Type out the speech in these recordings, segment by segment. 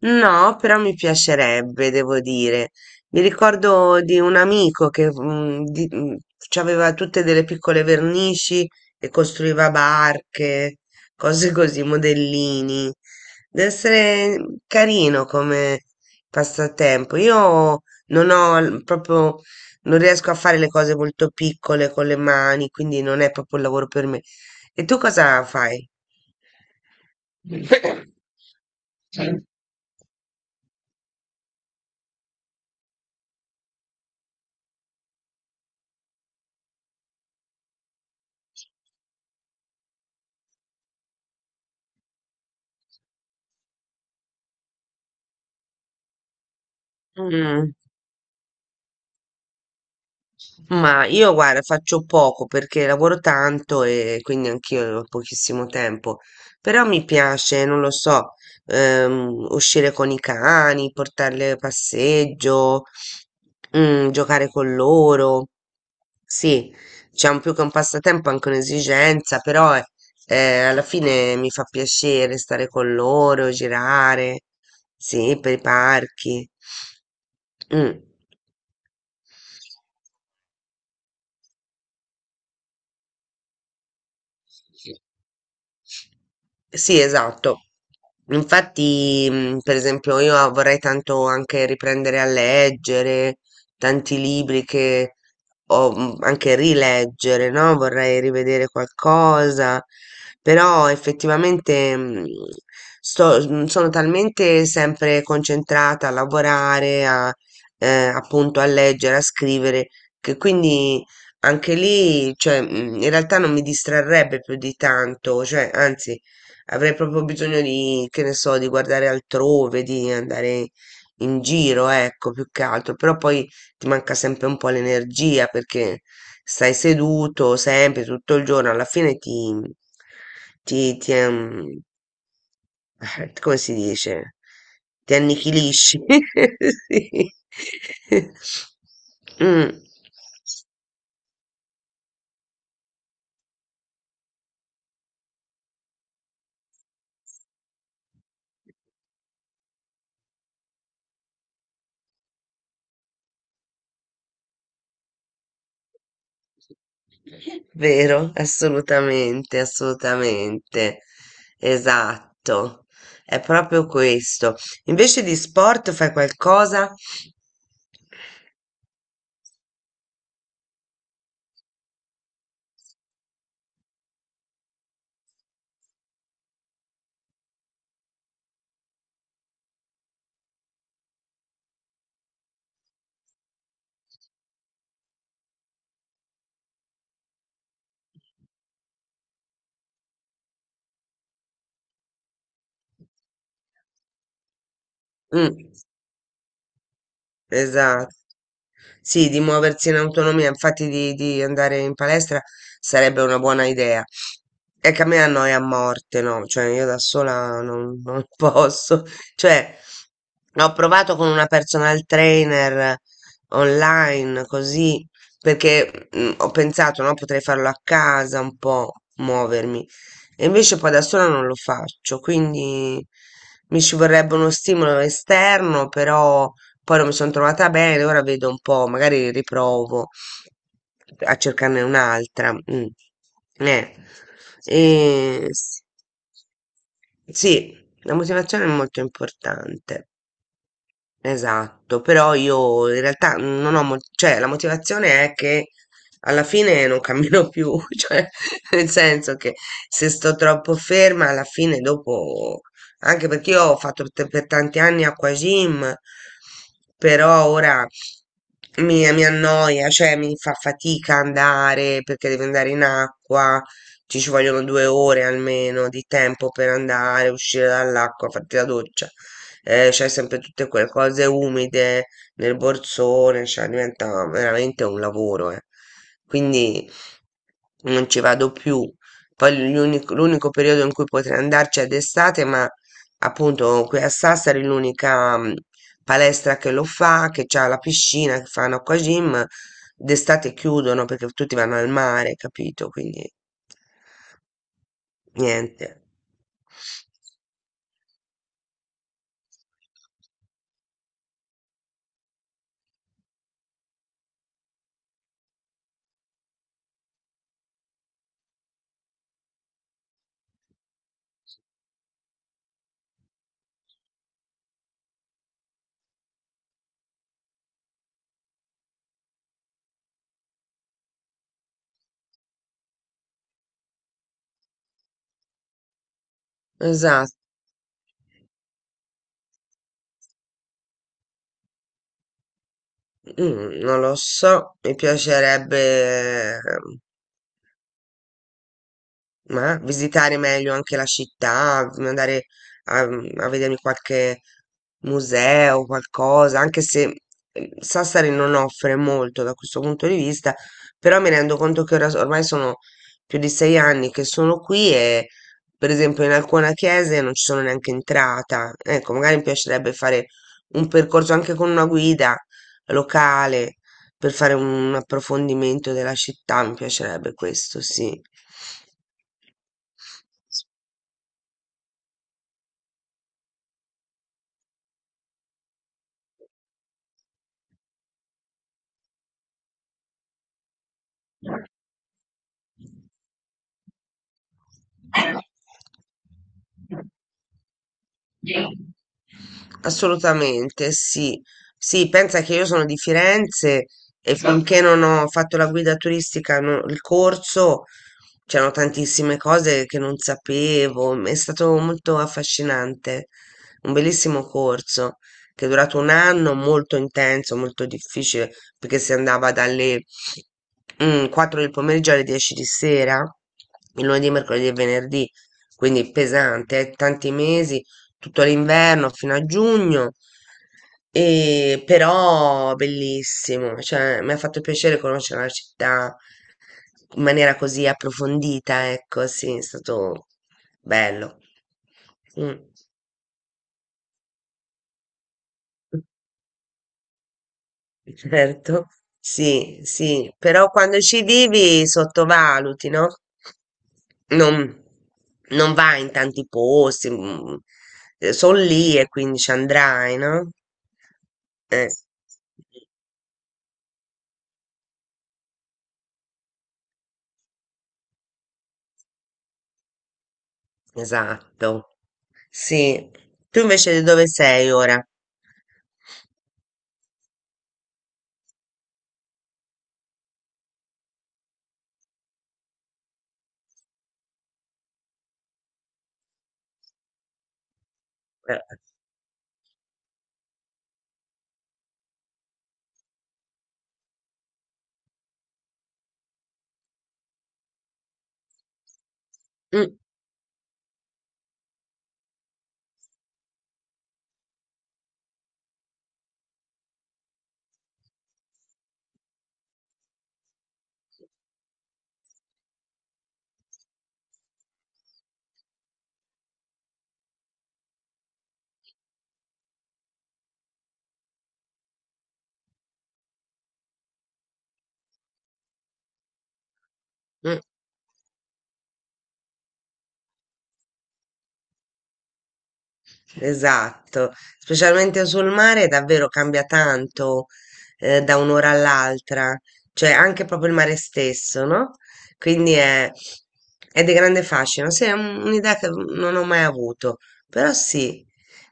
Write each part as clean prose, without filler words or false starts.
No, però mi piacerebbe, devo dire. Mi ricordo di un amico che ci aveva tutte delle piccole vernici e costruiva barche, cose così, modellini. Deve essere carino come passatempo. Io non ho l- proprio, non riesco a fare le cose molto piccole con le mani, quindi non è proprio un lavoro per me. E tu cosa fai? Mh. Ma io guarda, faccio poco perché lavoro tanto e quindi anch'io ho pochissimo tempo, però mi piace, non lo so, uscire con i cani, portarli a passeggio, giocare con loro. Sì, diciamo più che un passatempo, anche un'esigenza, però alla fine mi fa piacere stare con loro, girare, sì, per i parchi. Mm. Sì, sì, esatto. Infatti, per esempio, io vorrei tanto anche riprendere a leggere tanti libri che ho anche rileggere, no? Vorrei rivedere qualcosa, però effettivamente sono talmente sempre concentrata a lavorare, a, appunto a leggere, a scrivere, che quindi anche lì, cioè, in realtà non mi distrarrebbe più di tanto, cioè, anzi, avrei proprio bisogno di, che ne so, di guardare altrove, di andare in giro, ecco, più che altro. Però poi ti manca sempre un po' l'energia perché stai seduto sempre, tutto il giorno, alla fine ti, ti, ehm, come si dice? Ti annichilisci. Sì. Mm. Vero, assolutamente, assolutamente. Esatto. È proprio questo. Invece di sport fai qualcosa? Mm. Esatto. Sì, di muoversi in autonomia, infatti di andare in palestra sarebbe una buona idea. È che a me annoia a morte, no? Cioè io da sola non posso. Cioè, ho provato con una personal trainer online, così, perché ho pensato, no, potrei farlo a casa un po', muovermi. E invece poi da sola non lo faccio, quindi mi ci vorrebbe uno stimolo esterno, però poi non mi sono trovata bene, ora vedo un po', magari riprovo a cercarne un'altra. Mm. Eh, sì. Sì, la motivazione è molto importante. Esatto, però io in realtà non ho, mo- cioè la motivazione è che alla fine non cammino più, cioè nel senso che se sto troppo ferma alla fine dopo, anche perché io ho fatto t- per tanti anni acquagym, però ora mi annoia, cioè mi fa fatica andare perché devo andare in acqua, ci vogliono due ore almeno di tempo per andare, uscire dall'acqua, farti la doccia, c'hai sempre tutte quelle cose umide nel borsone, cioè diventa veramente un lavoro, eh. Quindi non ci vado più. Poi l'unico periodo in cui potrei andarci è d'estate, ma appunto qui a Sassari l'unica palestra che lo fa, che c'ha la piscina, che fanno acqua gym, d'estate chiudono perché tutti vanno al mare, capito? Quindi niente. Esatto. Mhmm, non lo so, mi piacerebbe, ma visitare meglio anche la città, v andare a a vedermi qualche museo, qualcosa, anche se, Sassari non offre molto da questo punto di vista, però mi rendo conto che ora s ormai sono più di 6 anni che sono qui e, per esempio, in alcune chiese non ci sono neanche entrata. Ecco, magari mi piacerebbe fare un percorso anche con una guida locale. Per fare un approfondimento della città, mi piacerebbe questo, sì. Assolutamente, sì. Sì, pensa che io sono di Firenze e finché non ho fatto la guida turistica, il corso, c'erano tantissime cose che non sapevo. È stato molto affascinante, un bellissimo corso che è durato un anno, molto intenso, molto difficile, perché si andava dalle 4 del pomeriggio alle 10 di sera, il lunedì, mercoledì e venerdì, quindi pesante, tanti mesi, tutto l'inverno fino a giugno, e però bellissimo, cioè mi ha fatto piacere conoscere la città in maniera così approfondita, ecco, sì, è stato bello. Mm. Certo, sì, sì, però quando ci vivi sottovaluti, no? Non, non vai in tanti posti, sono lì e quindi ci andrai, no? Eh, esatto, sì. Tu invece di dove sei ora? Eh, mm, mm. Esatto, specialmente sul mare davvero cambia tanto, da un'ora all'altra, cioè anche proprio il mare stesso, no? Quindi è di grande fascino, sì, un'idea che non ho mai avuto, però sì,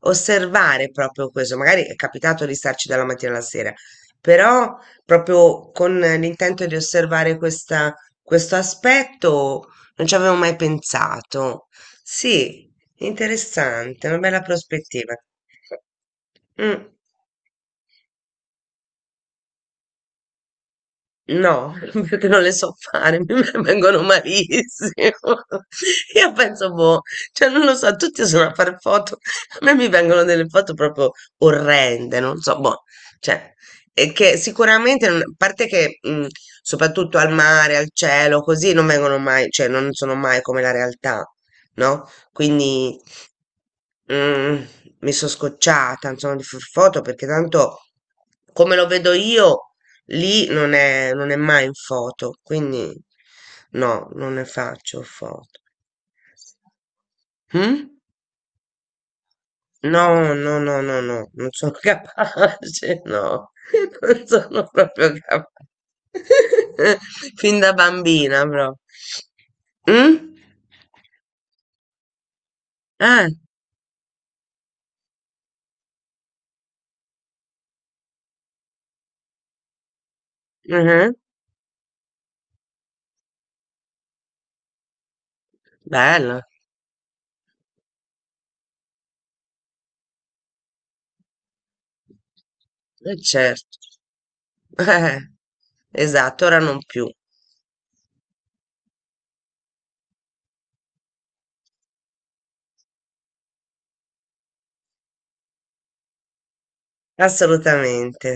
osservare proprio questo, magari è capitato di starci dalla mattina alla sera, però proprio con l'intento di osservare questo aspetto non ci avevo mai pensato. Sì, interessante, una bella prospettiva. Mm, no, perché non le so fare, mi vengono malissimo. Io penso, boh, cioè non lo so, tutti sono a fare foto, a me mi vengono delle foto proprio orrende, non so, boh, cioè, e che sicuramente, a parte che soprattutto al mare, al cielo, così non vengono mai, cioè non sono mai come la realtà, no? Quindi, mm, mi sono scocciata, insomma, di far foto perché tanto come lo vedo io, lì non è, non è mai in foto, quindi no, non ne faccio foto. Mm? No, no, no, no, no, non sono capace, no, non sono proprio capace. Fin da bambina, proprio. Mm? Eh, mhm, bello, certo. Eh, esatto, ora non più, assolutamente.